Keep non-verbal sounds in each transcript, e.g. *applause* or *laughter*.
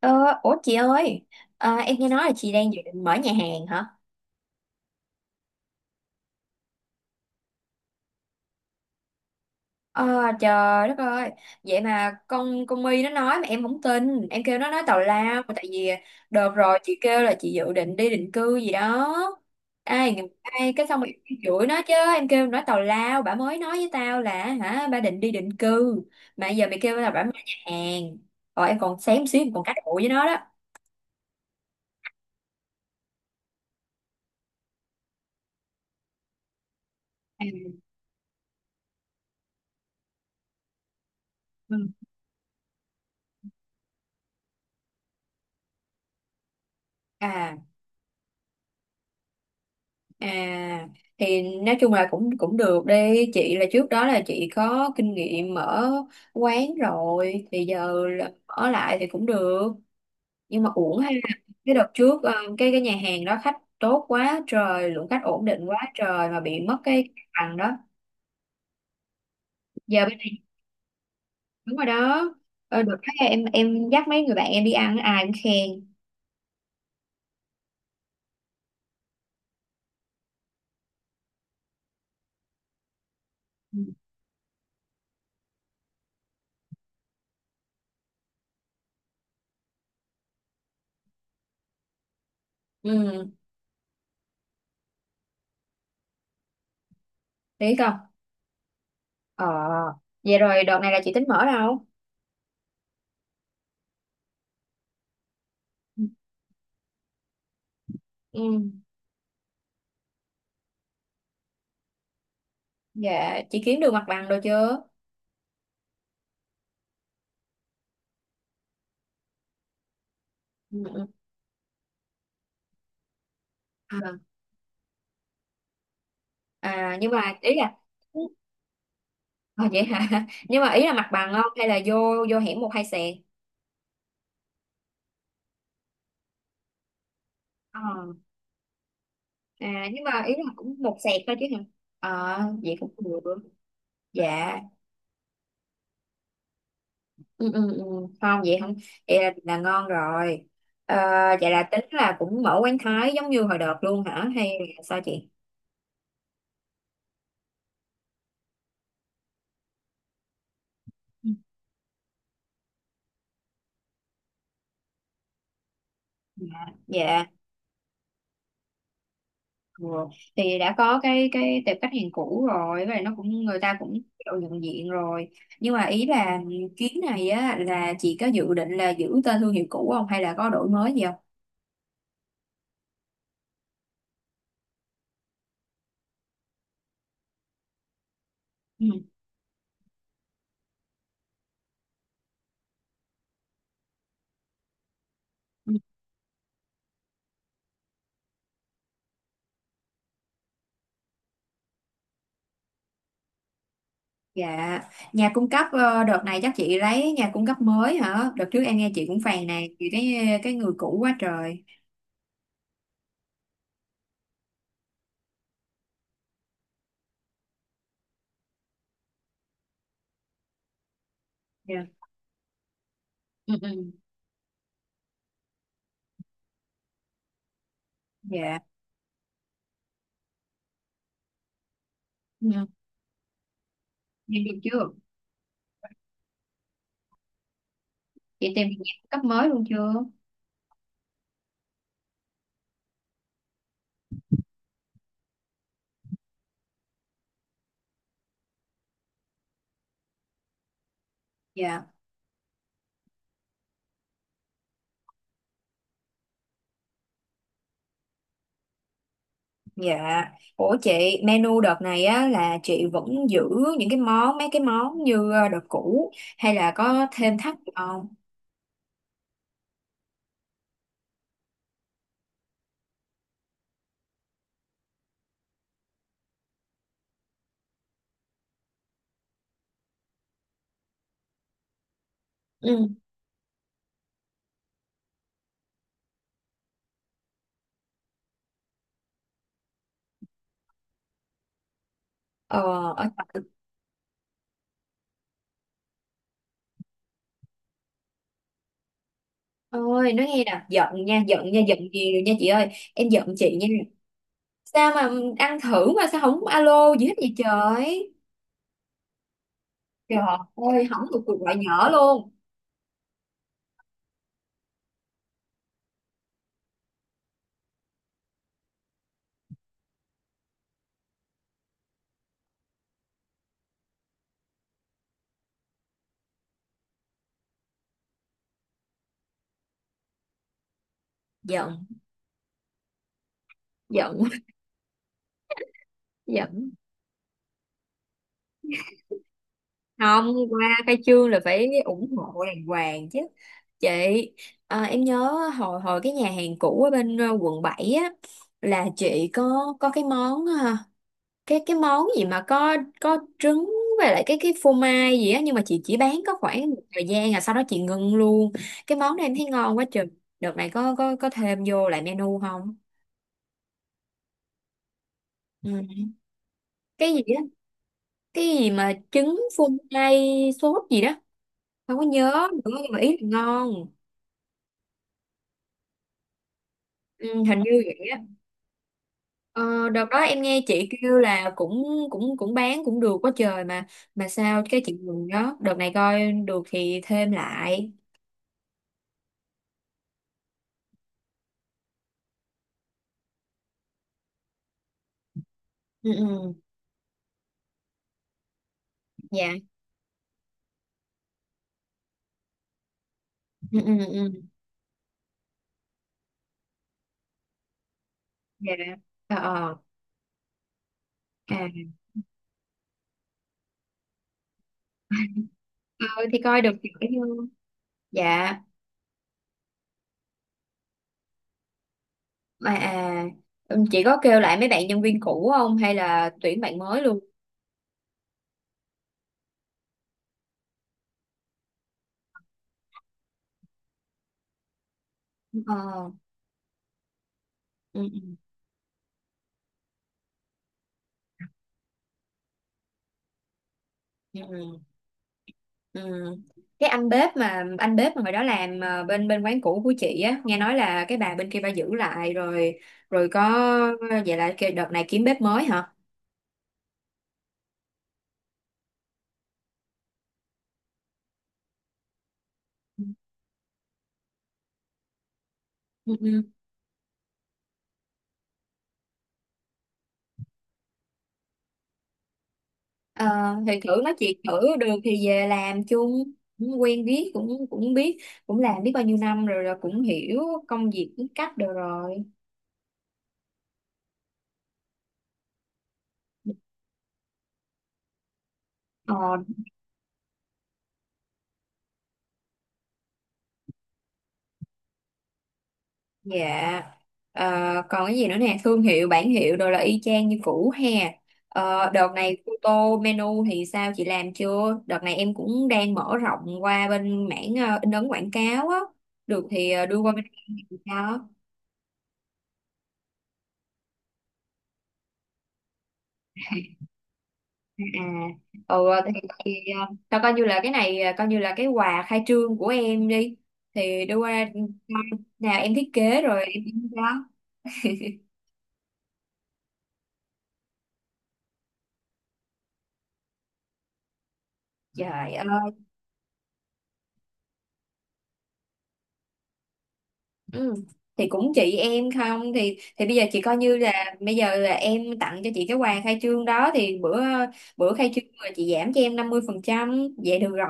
Ờ, Ủa chị ơi, em nghe nói là chị đang dự định mở nhà hàng hả? Ờ, Trời đất ơi, vậy mà con My nó nói mà em không tin, em kêu nó nói tào lao, tại vì đợt rồi chị kêu là chị dự định đi định cư gì đó. Ai, ai cái xong rồi em chửi nó chứ, em kêu nói tào lao, bà mới nói với tao là hả, bà định đi định cư, mà giờ mày kêu là bà mở nhà hàng. Rồi em còn xém xíu, em còn cãi cụ với nó đó. À, ừ. À. À thì nói chung là cũng cũng được đi chị, là trước đó là chị có kinh nghiệm mở quán rồi thì giờ là ở lại thì cũng được, nhưng mà uổng ha. Cái đợt trước cái nhà hàng đó khách tốt quá trời, lượng khách ổn định quá trời mà bị mất cái bằng đó. Giờ bên này đúng rồi đó. Được cái em dắt mấy người bạn em đi ăn ai cũng khen. Ừ. Ừ, biết không. ờ Vậy rồi đợt này là chị tính mở đâu? Ừ. Ừ, dạ chị kiếm được mặt bằng rồi chưa? Ừ, ừ. à, nhưng mà ý là. Vậy hả? *laughs* Nhưng mà ý là mặt bằng không, hay là vô vô hẻm một hai sẹt? Ờ. Nhưng mà ý là cũng một sẹt thôi chứ hả? Vậy cũng được. Dạ. Ừ, ừ, ừ. Không vậy không. Vậy là ngon rồi. Ờ, Vậy là tính là cũng mở quán Thái giống như hồi đợt luôn hả, hay là sao chị? Ừ. Dạ. Dạ. Ừ. Thì đã có cái tệp khách hàng cũ rồi, và nó cũng người ta cũng kiểu nhận diện rồi, nhưng mà ý là chuyến này á, là chị có dự định là giữ tên thương hiệu cũ không, hay là có đổi mới gì không? Ừ. Ừ. Dạ. Nhà cung cấp đợt này chắc chị lấy nhà cung cấp mới hả? Đợt trước em nghe chị cũng phàn nàn vì cái người cũ quá trời. Dạ. Ừ, ừ. Dạ. Ừ. Em tìm chưa? Chị tìm nhà cung cấp mới luôn chưa? Dạ. Dạ, ủa chị, menu đợt này á là chị vẫn giữ những cái món, mấy cái món như đợt cũ, hay là có thêm thắt gì không? Ừ. Ờ, ở Ôi, nói nghe nè, giận nha, giận nha, giận gì rồi nha chị ơi, em giận chị nha. Sao mà ăn thử mà sao không alo gì hết vậy trời? Trời ơi, không được cuộc gọi nhỏ luôn. Giận, giận, *laughs* giận. Không, qua khai trương là phải ủng hộ đàng hoàng chứ. Chị, em nhớ hồi hồi cái nhà hàng cũ ở bên Quận 7 á, là chị có cái món cái món gì mà có trứng với lại cái phô mai gì á, nhưng mà chị chỉ bán có khoảng một thời gian rồi sau đó chị ngưng luôn. Cái món đó em thấy ngon quá trời. Đợt này có thêm vô lại menu không? Ừ. Cái gì á, cái gì mà trứng phô mai sốt gì đó, không có nhớ nữa nhưng mà ý là ngon. Ừ, hình như vậy á. Ờ, Đợt đó em nghe chị kêu là cũng cũng cũng bán cũng được quá trời mà sao. Cái chị mừng đó, đợt này coi được thì thêm lại. Ừ. Ừ. Dạ. Ừ, ừ, ừ. Dạ. ờ ờ À thôi thì coi được thì cũng. Dạ. mà à Ừ, chị có kêu lại mấy bạn nhân viên cũ không, hay là tuyển bạn mới luôn? ờ ừ, ừ. Ừ. Ừ. Ừ. Cái anh bếp mà hồi đó làm bên bên quán cũ của chị á, nghe nói là cái bà bên kia bà giữ lại rồi rồi có. Vậy là cái đợt này kiếm bếp mới hả? Ừ. Ừ. Ờ, thì thử nói chuyện thử, được thì về làm chung. Cũng quen biết, cũng cũng biết, cũng làm biết bao nhiêu năm rồi, rồi cũng hiểu công việc, cũng cách được rồi. Ờ. Dạ. Ờ, còn cái gì nữa nè, thương hiệu, bản hiệu đồ là y chang như cũ ha. Đợt này photo menu thì sao, chị làm chưa? Đợt này em cũng đang mở rộng qua bên mảng in ấn quảng cáo á. Được thì đưa qua bên em thì sao? À, ừ, thì tao coi như là cái này, coi như là cái quà khai trương của em đi. Thì đưa qua nào em thiết kế rồi em in cho. Trời ơi. Ừ. Thì cũng chị em, không thì bây giờ chị coi như là bây giờ là em tặng cho chị cái quà khai trương đó, thì bữa bữa khai trương là chị giảm cho em 50% vậy được rồi.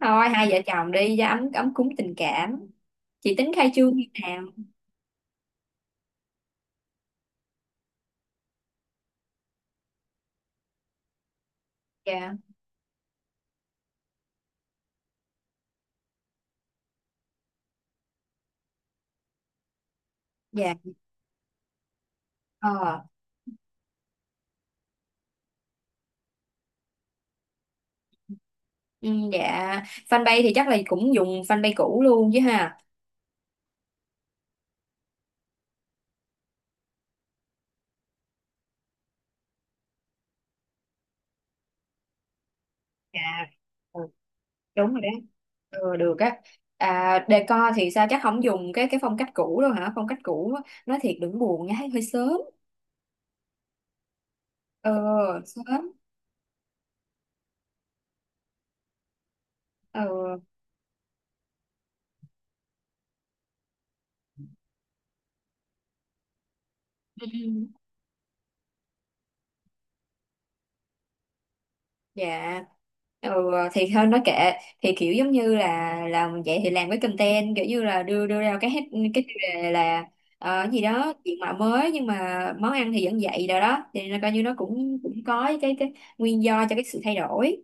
Thôi hai vợ chồng đi cho ấm ấm cúng tình cảm. Chị tính khai trương như nào? Dạ. Dạ. ờ ừ, dạ. Fanpage thì chắc là cũng dùng fanpage cũ luôn chứ ha? Dạ. Ừ, đúng rồi đó. Ừ, được á. Decor thì sao, chắc không dùng cái phong cách cũ đâu hả? Phong cách cũ á, nói thiệt đừng buồn nha, hơi sớm. Ừ, sớm. Ừ. Ừ. *laughs* Dạ. Ừ. Thì thôi nói kệ. Thì kiểu giống như là làm vậy thì làm cái content kiểu như là đưa đưa ra cái hết cái chủ đề là gì đó, diện mạo mới nhưng mà món ăn thì vẫn vậy, rồi đó thì nó coi như nó cũng cũng có cái nguyên do cho cái sự thay đổi.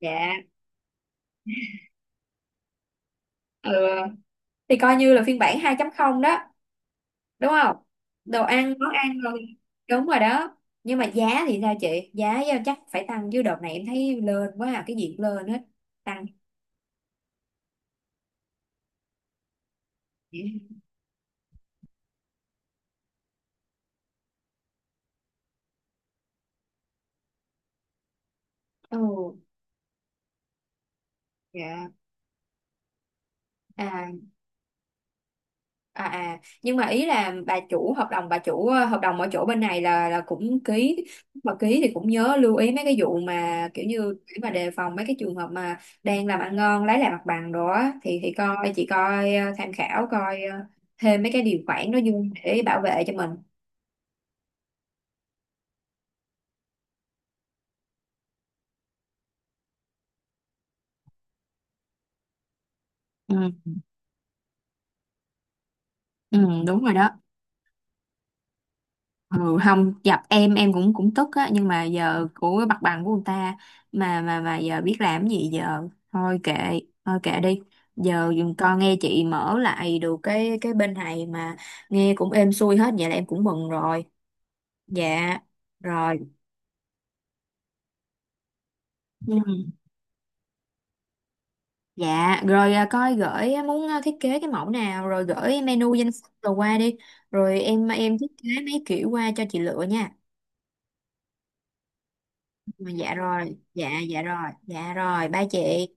Dạ. Ừ. Thì coi như là phiên bản 2.0 đó, đúng không? Đồ ăn, món ăn rồi. Đúng rồi đó. Nhưng mà giá thì sao chị, giá chắc phải tăng chứ, đợt này em thấy lên quá, à cái gì cũng lên hết. Tăng. Ừ. Dạ. à nhưng mà ý là bà chủ hợp đồng, hợp đồng ở chỗ bên này là cũng ký. Lúc mà ký thì cũng nhớ lưu ý mấy cái vụ mà kiểu như để mà đề phòng mấy cái trường hợp mà đang làm ăn ngon lấy lại mặt bằng đó á. Thì coi chị coi ờ, tham khảo coi thêm mấy cái điều khoản đó vô để bảo vệ cho mình. Ừ, đúng rồi đó. Ừ, không gặp em cũng cũng tức á, nhưng mà giờ của cái mặt bằng của người ta mà mà giờ biết làm gì giờ, thôi kệ. Thôi kệ đi. Giờ dùm con nghe chị mở lại được cái bên này mà, nghe cũng êm xuôi hết vậy là em cũng mừng rồi. Dạ rồi. Ừ. Dạ rồi, coi gửi á, muốn thiết kế cái mẫu nào rồi gửi menu danh sách rồi qua đi, rồi em thiết kế mấy kiểu qua cho chị lựa nha. Dạ rồi. Dạ. Dạ rồi. Dạ rồi, ba chị.